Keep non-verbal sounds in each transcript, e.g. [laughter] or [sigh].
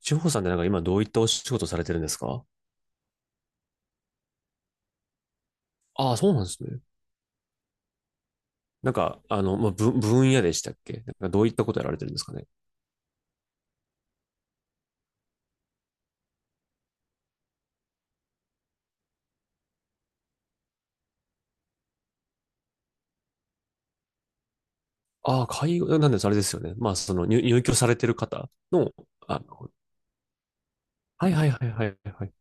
志保さんってなんか今どういったお仕事されてるんですか？ああ、そうなんですね。なんか、まあ、分野でしたっけ、なんかどういったことやられてるんですかね？ああ、介護、なんです、あれですよね。まあ、その入居されてる方の。あの、はいはいはいはいはい。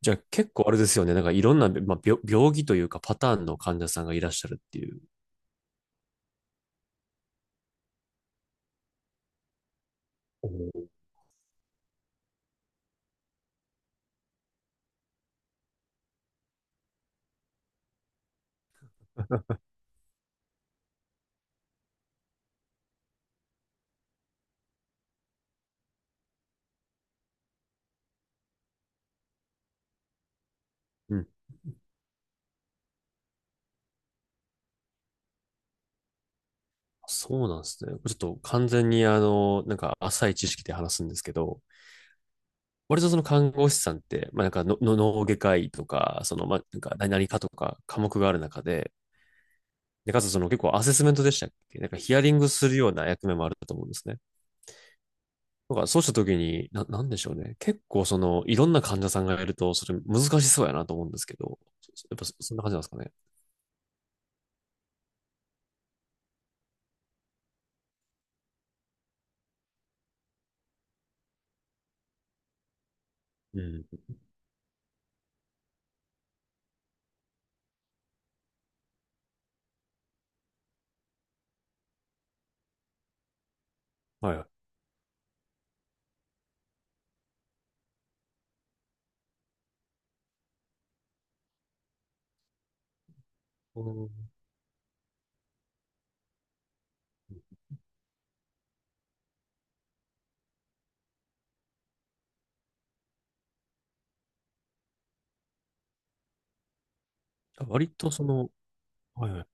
じゃあ結構あれですよね。なんかいろんな、まあ、病気というかパターンの患者さんがいらっしゃるっていう。おー。うん。そうなんですね。ちょっと完全になんか浅い知識で話すんですけど、割とその看護師さんって、まあ、なんかの脳外科医とか、まあ、なんか、何々かとか科目がある中で、で、かつその結構アセスメントでしたっけ、なんかヒアリングするような役目もあると思うんですね。だからそうした時に、なんでしょうね。結構その、いろんな患者さんがいると、それ難しそうやなと思うんですけど、やっぱそんな感じなんですかね？うん。はいはい。うん。あ、割とその、はいはい。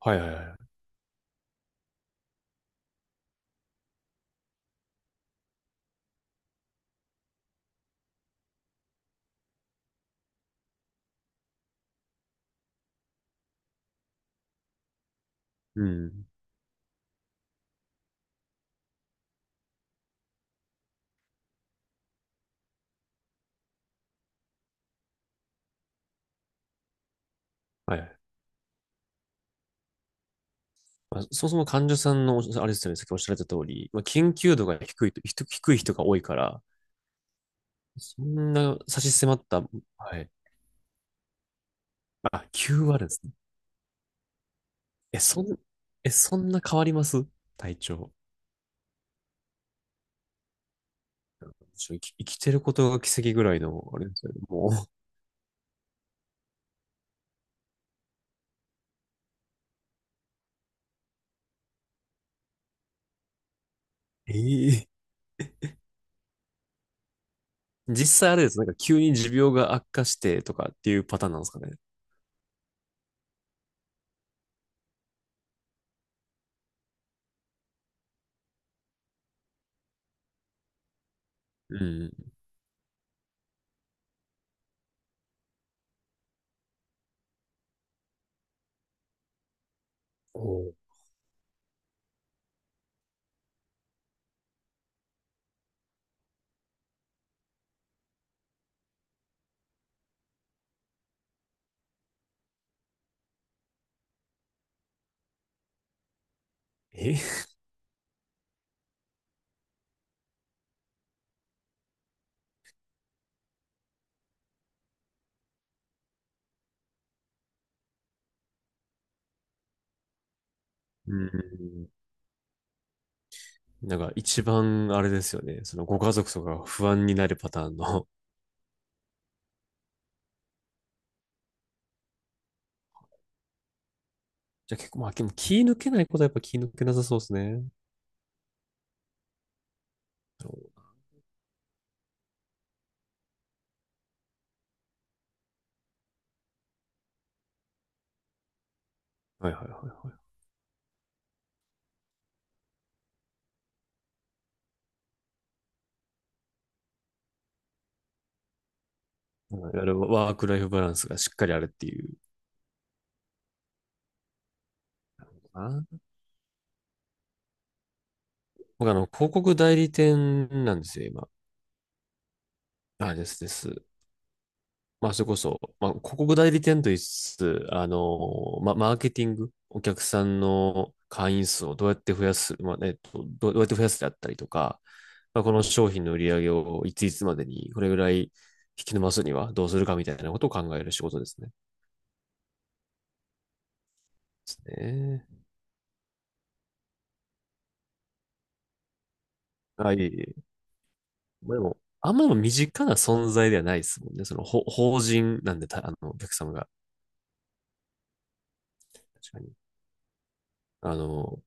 はいはいはい。うん。はいはい。まあ、そもそも患者さんの、あれですよね、さっきおっしゃられた通り、まあ、緊急度が低いと、低い人が多いから、そんな差し迫った。はい。あ、9割ですね。え、そん、え、そんな変わります？体調。ちょ生き、生きてることが奇跡ぐらいの、あれですよね。もう。[laughs] ええ。実際あれです。なんか急に持病が悪化してとかっていうパターンなんですかね？うん。おう。え。うん。なんか一番あれですよね。そのご家族とかが不安になるパターンの。じゃあ結構、まあ、でも気抜けないことはやっぱ気抜けなさそうですね。はいはいはいはい。うん。いわゆるワークライフバランスがしっかりあるっていうのかな。僕広告代理店なんですよ、今。あ、ですです。まあ、それこそ、まあ、広告代理店と言いつつ、マーケティング、お客さんの会員数をどうやって増やす、まあ、どうやって増やすであったりとか、まあ、この商品の売り上げをいついつまでに、これぐらい引き伸ばすにはどうするかみたいなことを考える仕事ですね。ねえ。はい。まあでも、あんまでも身近な存在ではないですもんね。法人なんで、た、あの、お客様が。確かに。あの、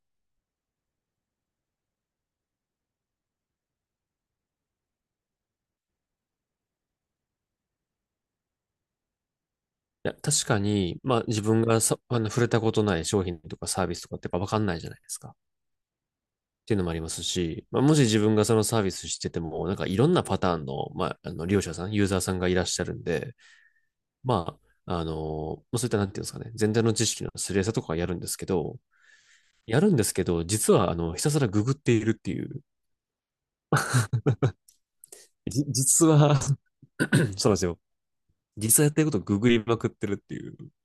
いや、確かに、まあ自分がさ、触れたことない商品とかサービスとかってやっぱわかんないじゃないですか。っていうのもありますし、まあ、もし自分がそのサービスしてても、なんかいろんなパターンの、まあ、利用者さん、ユーザーさんがいらっしゃるんで、まあ、まあそういったなんていうんですかね、全体の知識のすり合わせとかはやるんですけど、やるんですけど、実は、ひたすらググっているっていう。実は [clears throat]、そうなんですよ。実際やってることをググりまくってるっていう。い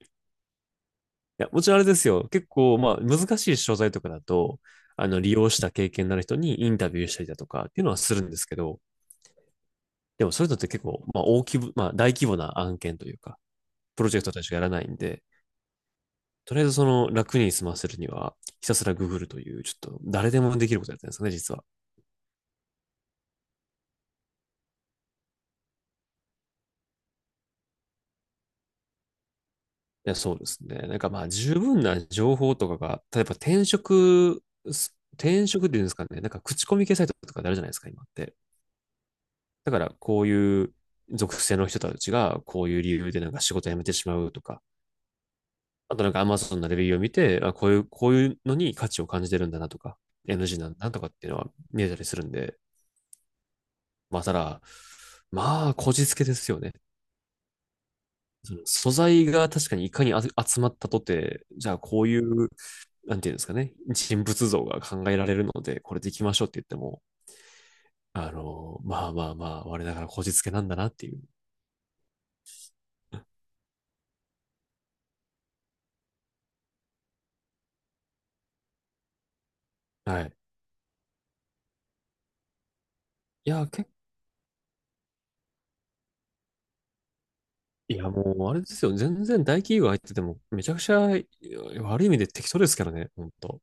や、もちろんあれですよ。結構、まあ、難しい商材とかだと、利用した経験のある人にインタビューしたりだとかっていうのはするんですけど、でもそういうのって結構、まあ、大規模な案件というか、プロジェクトたちがやらないんで、とりあえずその楽に済ませるには、ひたすらググるという、ちょっと誰でもできることやってるんですよね、実は。いや、そうですね。なんかまあ、十分な情報とかが、例えば、転職っていうんですかね、なんか口コミ系サイトとかであるじゃないですか、今って。だからこういう属性の人たちがこういう理由でなんか仕事辞めてしまうとか、あとなんか Amazon のレビューを見て、あ、こういうのに価値を感じてるんだなとか、NG なんだとかっていうのは見えたりするんで、まあただ、まあ、こじつけですよね。その素材が確かにいかに集まったとて、じゃあこういう、なんていうんですかね、人物像が考えられるので、これでいきましょうって言っても、まあまあまあ、我ながらこじつけなんだなっていう。はい。いや、結いや、もう、あれですよ。全然大企業入ってても、めちゃくちゃいや悪い意味で適当ですからね、本当。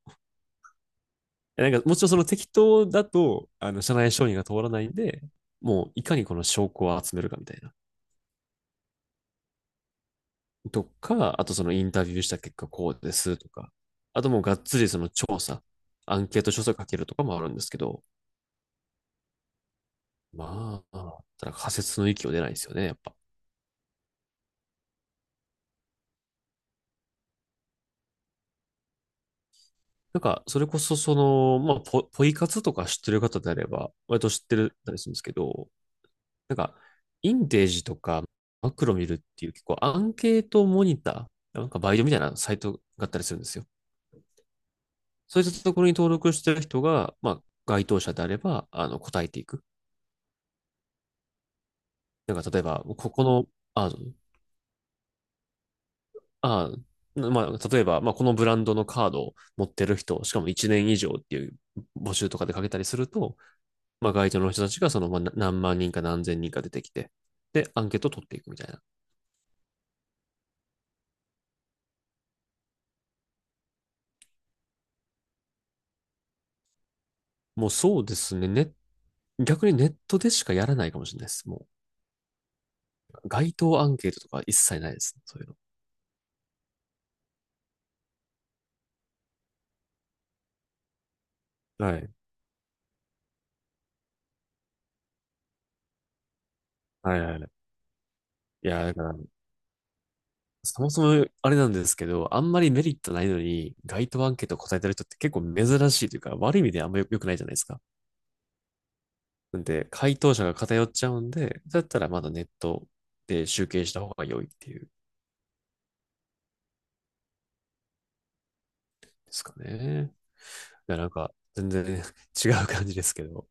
なんか、もちろんその適当だと、社内承認が通らないんで、もう、いかにこの証拠を集めるかみたいな。とか、あとそのインタビューした結果こうですとか、あともうがっつりその調査、アンケート調査かけるとかもあるんですけど、まあ、ただ仮説の域を出ないですよね、やっぱ。なんか、それこそまあ、ポイ活とか知ってる方であれば、割と知ってるたりするんですけど、なんか、インテージとかマクロ見るっていう結構アンケートモニター、なんかバイトみたいなサイトがあったりするんですよ。そういったところに登録してる人が、まあ、該当者であれば、答えていく。なんか、例えば、ここの、あ、あ、まあ、例えば、まあ、このブランドのカードを持ってる人、しかも1年以上っていう募集とかでかけたりすると、まあ、該当の人たちが、まあ、何万人か何千人か出てきて、で、アンケートを取っていくみたいな。もうそうですね。逆にネットでしかやらないかもしれないです。もう、街頭アンケートとか一切ないですね。そういうの。はい。はいはいはい。いや、だから、そもそもあれなんですけど、あんまりメリットないのに、街頭アンケート答えてる人って結構珍しいというか、悪い意味であんまり良くないじゃないですか。なんで、回答者が偏っちゃうんで、だったらまだネットで集計した方が良いっていうんですかね。いや、なんか、全然 [laughs] 違う感じですけど。